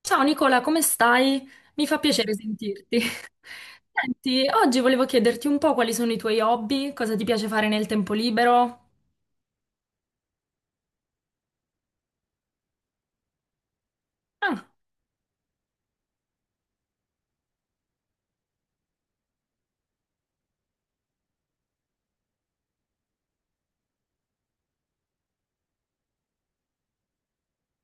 Ciao Nicola, come stai? Mi fa piacere sentirti. Senti, oggi volevo chiederti un po' quali sono i tuoi hobby, cosa ti piace fare nel tempo libero. Ah,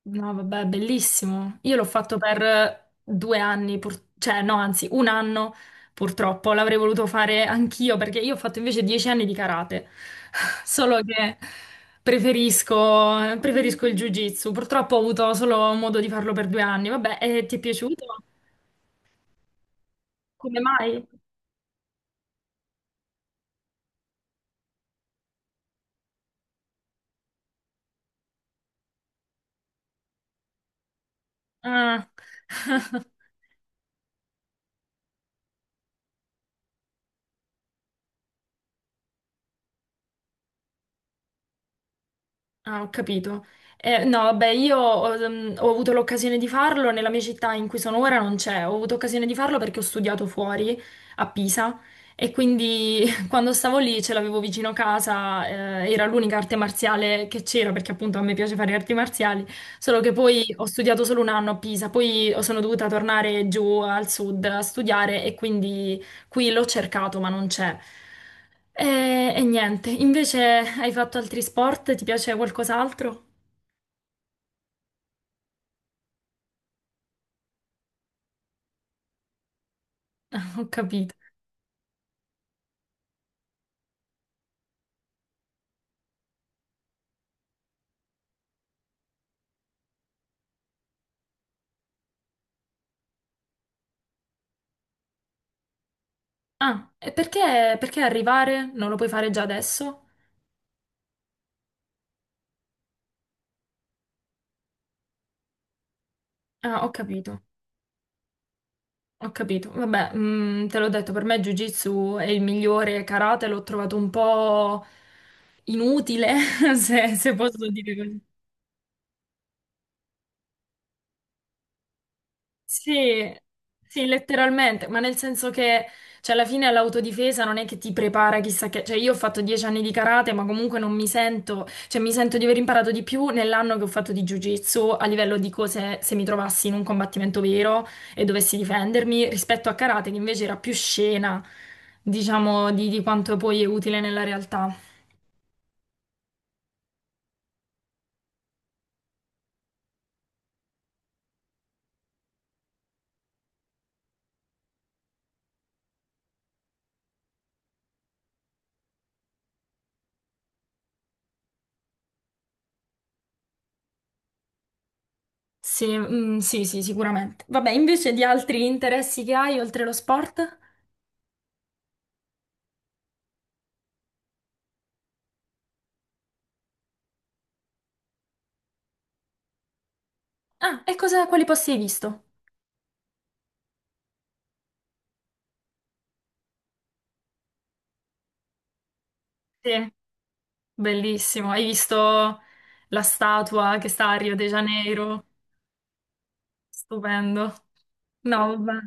no, vabbè, bellissimo. Io l'ho fatto per 2 anni, pur- cioè no, anzi, 1 anno purtroppo. L'avrei voluto fare anch'io perché io ho fatto invece 10 anni di karate, solo che preferisco il jiu-jitsu. Purtroppo ho avuto solo modo di farlo per 2 anni. Vabbè, e ti è piaciuto? Come mai? Ah, ah, ho capito. No, vabbè, io ho, ho avuto l'occasione di farlo nella mia città in cui sono ora, non c'è. Ho avuto occasione di farlo perché ho studiato fuori a Pisa e quindi quando stavo lì ce l'avevo vicino casa, era l'unica arte marziale che c'era perché appunto a me piace fare arti marziali, solo che poi ho studiato solo 1 anno a Pisa, poi sono dovuta tornare giù al sud a studiare e quindi... Qui l'ho cercato, ma non c'è. E niente, invece hai fatto altri sport? Ti piace qualcos'altro? Ho capito. Ah, e perché, perché arrivare? Non lo puoi fare già adesso? Ah, ho capito, ho capito. Vabbè, mm, te l'ho detto, per me Jiu-Jitsu è il migliore, karate l'ho trovato un po' inutile, se, se posso dire così. Sì, sì, letteralmente, ma nel senso che, cioè, alla fine l'autodifesa non è che ti prepara chissà che, cioè, io ho fatto 10 anni di karate, ma comunque non mi sento, cioè, mi sento di aver imparato di più nell'anno che ho fatto di jiu-jitsu a livello di cose, se mi trovassi in un combattimento vero e dovessi difendermi, rispetto a karate, che invece era più scena, diciamo, di quanto poi è utile nella realtà. Sì, mm, sì, sì, sicuramente. Vabbè, invece di altri interessi che hai oltre lo sport? Ah, e cosa, quali posti hai visto? Sì. Bellissimo. Hai visto la statua che sta a Rio de Janeiro? Stupendo. No, vabbè.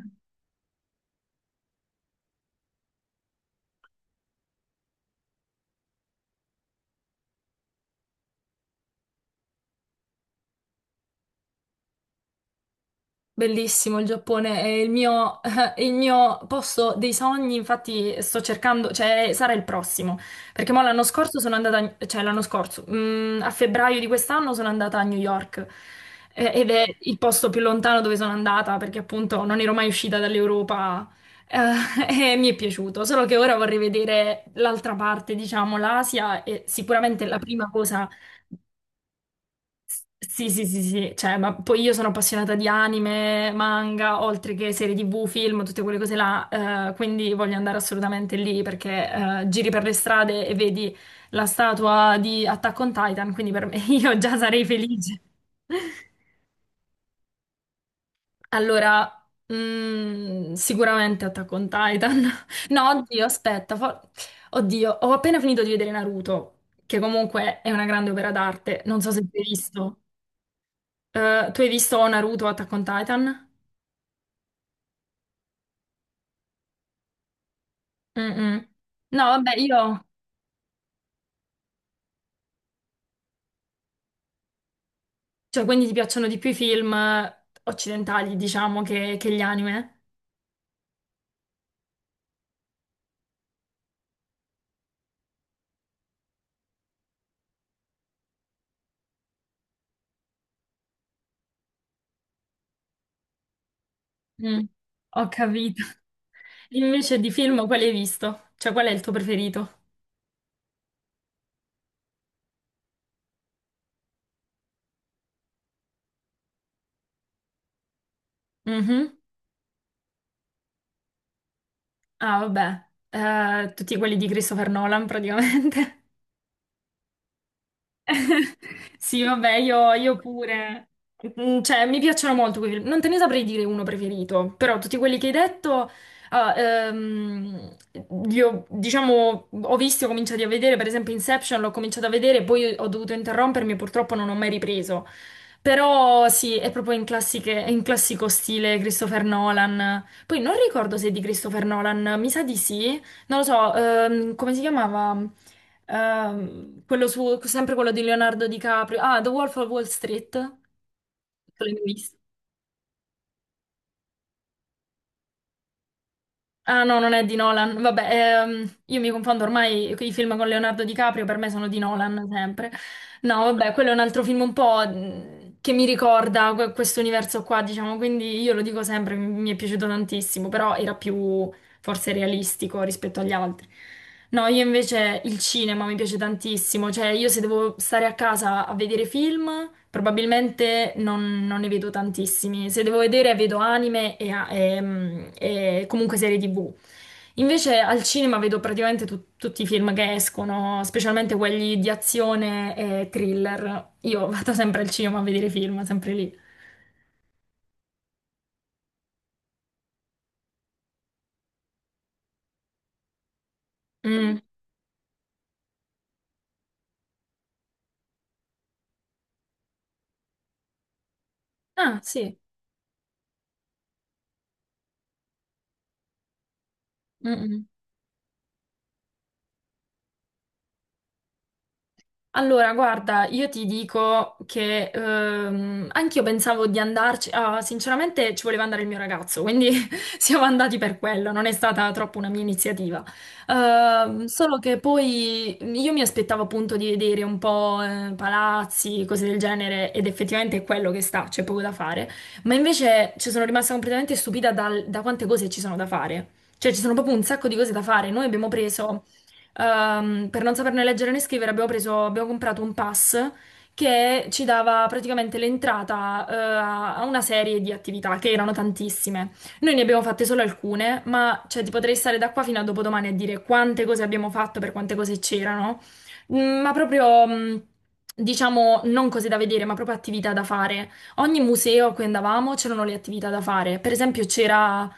Bellissimo il Giappone, è il mio, è il mio posto dei sogni, infatti sto cercando, cioè sarà il prossimo, perché mo l'anno scorso sono andata, cioè l'anno scorso, mm, a febbraio di quest'anno sono andata a New York ed è il posto più lontano dove sono andata, perché appunto non ero mai uscita dall'Europa eh, e mi è piaciuto, solo che ora vorrei vedere l'altra parte, diciamo l'Asia e sicuramente la prima cosa sì, sì, sì, sì, cioè, ma poi io sono appassionata di anime, manga, oltre che serie TV, film, tutte quelle cose là, quindi voglio andare assolutamente lì perché giri per le strade e vedi la statua di Attack on Titan, quindi per me io già sarei felice. Allora, mm, sicuramente Attack on Titan. No, oddio, aspetta. Oddio, ho appena finito di vedere Naruto, che comunque è una grande opera d'arte. Non so se l'hai visto. Tu hai visto Naruto Attack on Titan? Mm-mm. No, vabbè, io... Cioè, quindi ti piacciono di più i film occidentali, diciamo, che gli anime? Mm. Ho capito. Invece di film, quale hai visto? Cioè, qual è il tuo preferito? Mhm. Ah, vabbè. Tutti quelli di Christopher Nolan, praticamente. Sì, vabbè, io pure. Mm, cioè, mi piacciono molto quei film. Non te ne saprei dire uno preferito, però tutti quelli che hai detto, ah, li ho, diciamo, ho visto, ho cominciato a vedere, per esempio Inception, l'ho cominciato a vedere, poi ho dovuto interrompermi e purtroppo non ho mai ripreso. Però sì, è proprio in classico stile Christopher Nolan. Poi non ricordo se è di Christopher Nolan, mi sa di sì. Non lo so, come si chiamava? Quello su, sempre quello di Leonardo DiCaprio. Ah, The Wolf of Wall Street. L'hai visto? Ah no, non è di Nolan. Vabbè, io mi confondo ormai i film con Leonardo DiCaprio, per me sono di Nolan sempre. No, vabbè, quello è un altro film un po' che mi ricorda questo universo qua, diciamo, quindi io lo dico sempre, mi è piaciuto tantissimo, però era più forse realistico rispetto agli altri. No, io invece il cinema mi piace tantissimo, cioè io se devo stare a casa a vedere film, probabilmente non ne vedo tantissimi, se devo vedere vedo anime e, mm, e comunque serie TV. Invece al cinema vedo praticamente tutti i film che escono, specialmente quelli di azione e thriller. Io vado sempre al cinema a vedere film, sempre lì. Mm. Ah, sì. Mm, mm. Allora, guarda, io ti dico che anch'io pensavo di andarci, ah, sinceramente ci voleva andare il mio ragazzo, quindi siamo andati per quello, non è stata troppo una mia iniziativa. Solo che poi io mi aspettavo appunto di vedere un po' palazzi, cose del genere, ed effettivamente è quello che sta, c'è poco da fare, ma invece ci sono rimasta completamente stupita da quante cose ci sono da fare. Cioè, ci sono proprio un sacco di cose da fare. Noi abbiamo preso per non saperne leggere né scrivere abbiamo comprato un pass che ci dava praticamente l'entrata, a a una serie di attività che erano tantissime. Noi ne abbiamo fatte solo alcune, ma cioè, ti potrei stare da qua fino a dopodomani a dire quante cose abbiamo fatto, per quante cose c'erano, mm, ma proprio, mm, diciamo, non cose da vedere, ma proprio attività da fare. Ogni museo a cui andavamo c'erano le attività da fare. Per esempio c'era,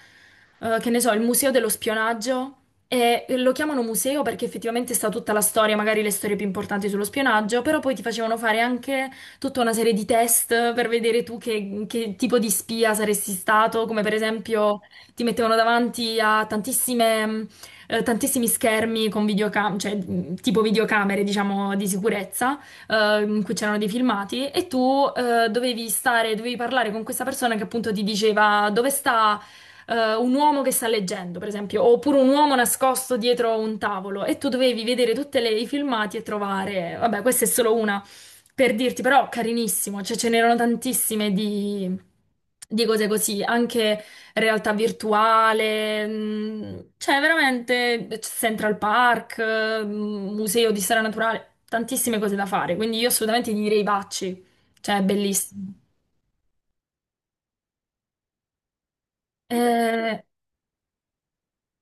che ne so, il museo dello spionaggio. E lo chiamano museo perché effettivamente sta tutta la storia, magari le storie più importanti sullo spionaggio, però poi ti facevano fare anche tutta una serie di test per vedere tu che tipo di spia saresti stato, come per esempio ti mettevano davanti a tantissime, tantissimi schermi con videocamere, cioè tipo videocamere, diciamo, di sicurezza, in cui c'erano dei filmati, e tu dovevi stare, dovevi parlare con questa persona che appunto ti diceva dove sta un uomo che sta leggendo, per esempio, oppure un uomo nascosto dietro un tavolo e tu dovevi vedere tutti i filmati e trovare, vabbè, questa è solo una per dirti, però carinissimo, cioè ce n'erano tantissime di cose così, anche realtà virtuale, cioè veramente Central Park, Museo di Storia Naturale, tantissime cose da fare, quindi io assolutamente ti direi vacci, cioè è bellissimo. Eh,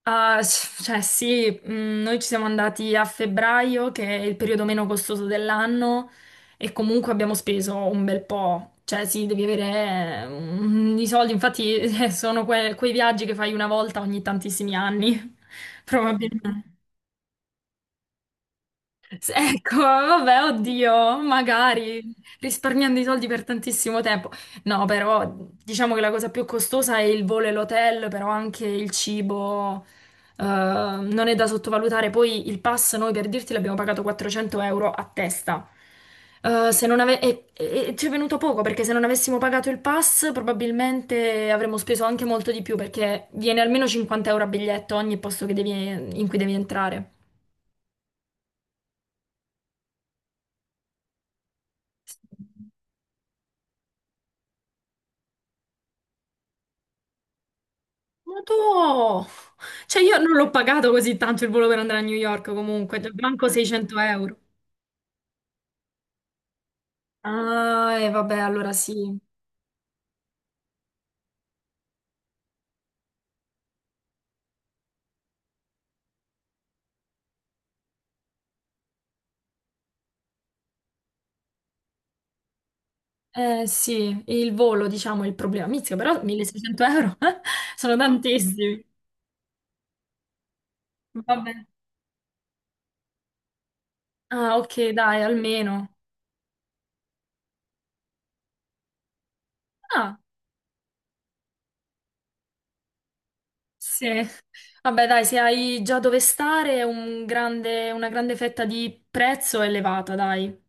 Cioè sì, mm, noi ci siamo andati a febbraio, che è il periodo meno costoso dell'anno, e comunque abbiamo speso un bel po'. Cioè sì, devi avere mm, i soldi, infatti sono quei viaggi che fai una volta ogni tantissimi anni, probabilmente. Ecco, vabbè, oddio, magari risparmiando i soldi per tantissimo tempo. No, però diciamo che la cosa più costosa è il volo e l'hotel, però anche il cibo non è da sottovalutare. Poi il pass, noi per dirti, l'abbiamo pagato 400 euro a testa. Se non ave- e ci è venuto poco perché se non avessimo pagato il pass probabilmente avremmo speso anche molto di più perché viene almeno 50 euro a biglietto ogni posto in cui devi entrare. Ma tu! Cioè io non l'ho pagato così tanto il volo per andare a New York comunque, cioè, manco 600 euro. Ah, e vabbè, allora sì. Eh sì, il volo, diciamo, è il problema. Mizzica, però 1600 euro eh? Sono tantissimi. Vabbè. Ah, ok, dai, almeno. Ah, sì. Vabbè, dai, se hai già dove stare, una grande fetta di prezzo elevata, dai.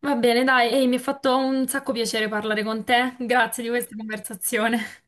Va bene, dai, ehi, mi ha fatto un sacco piacere parlare con te. Grazie di questa conversazione.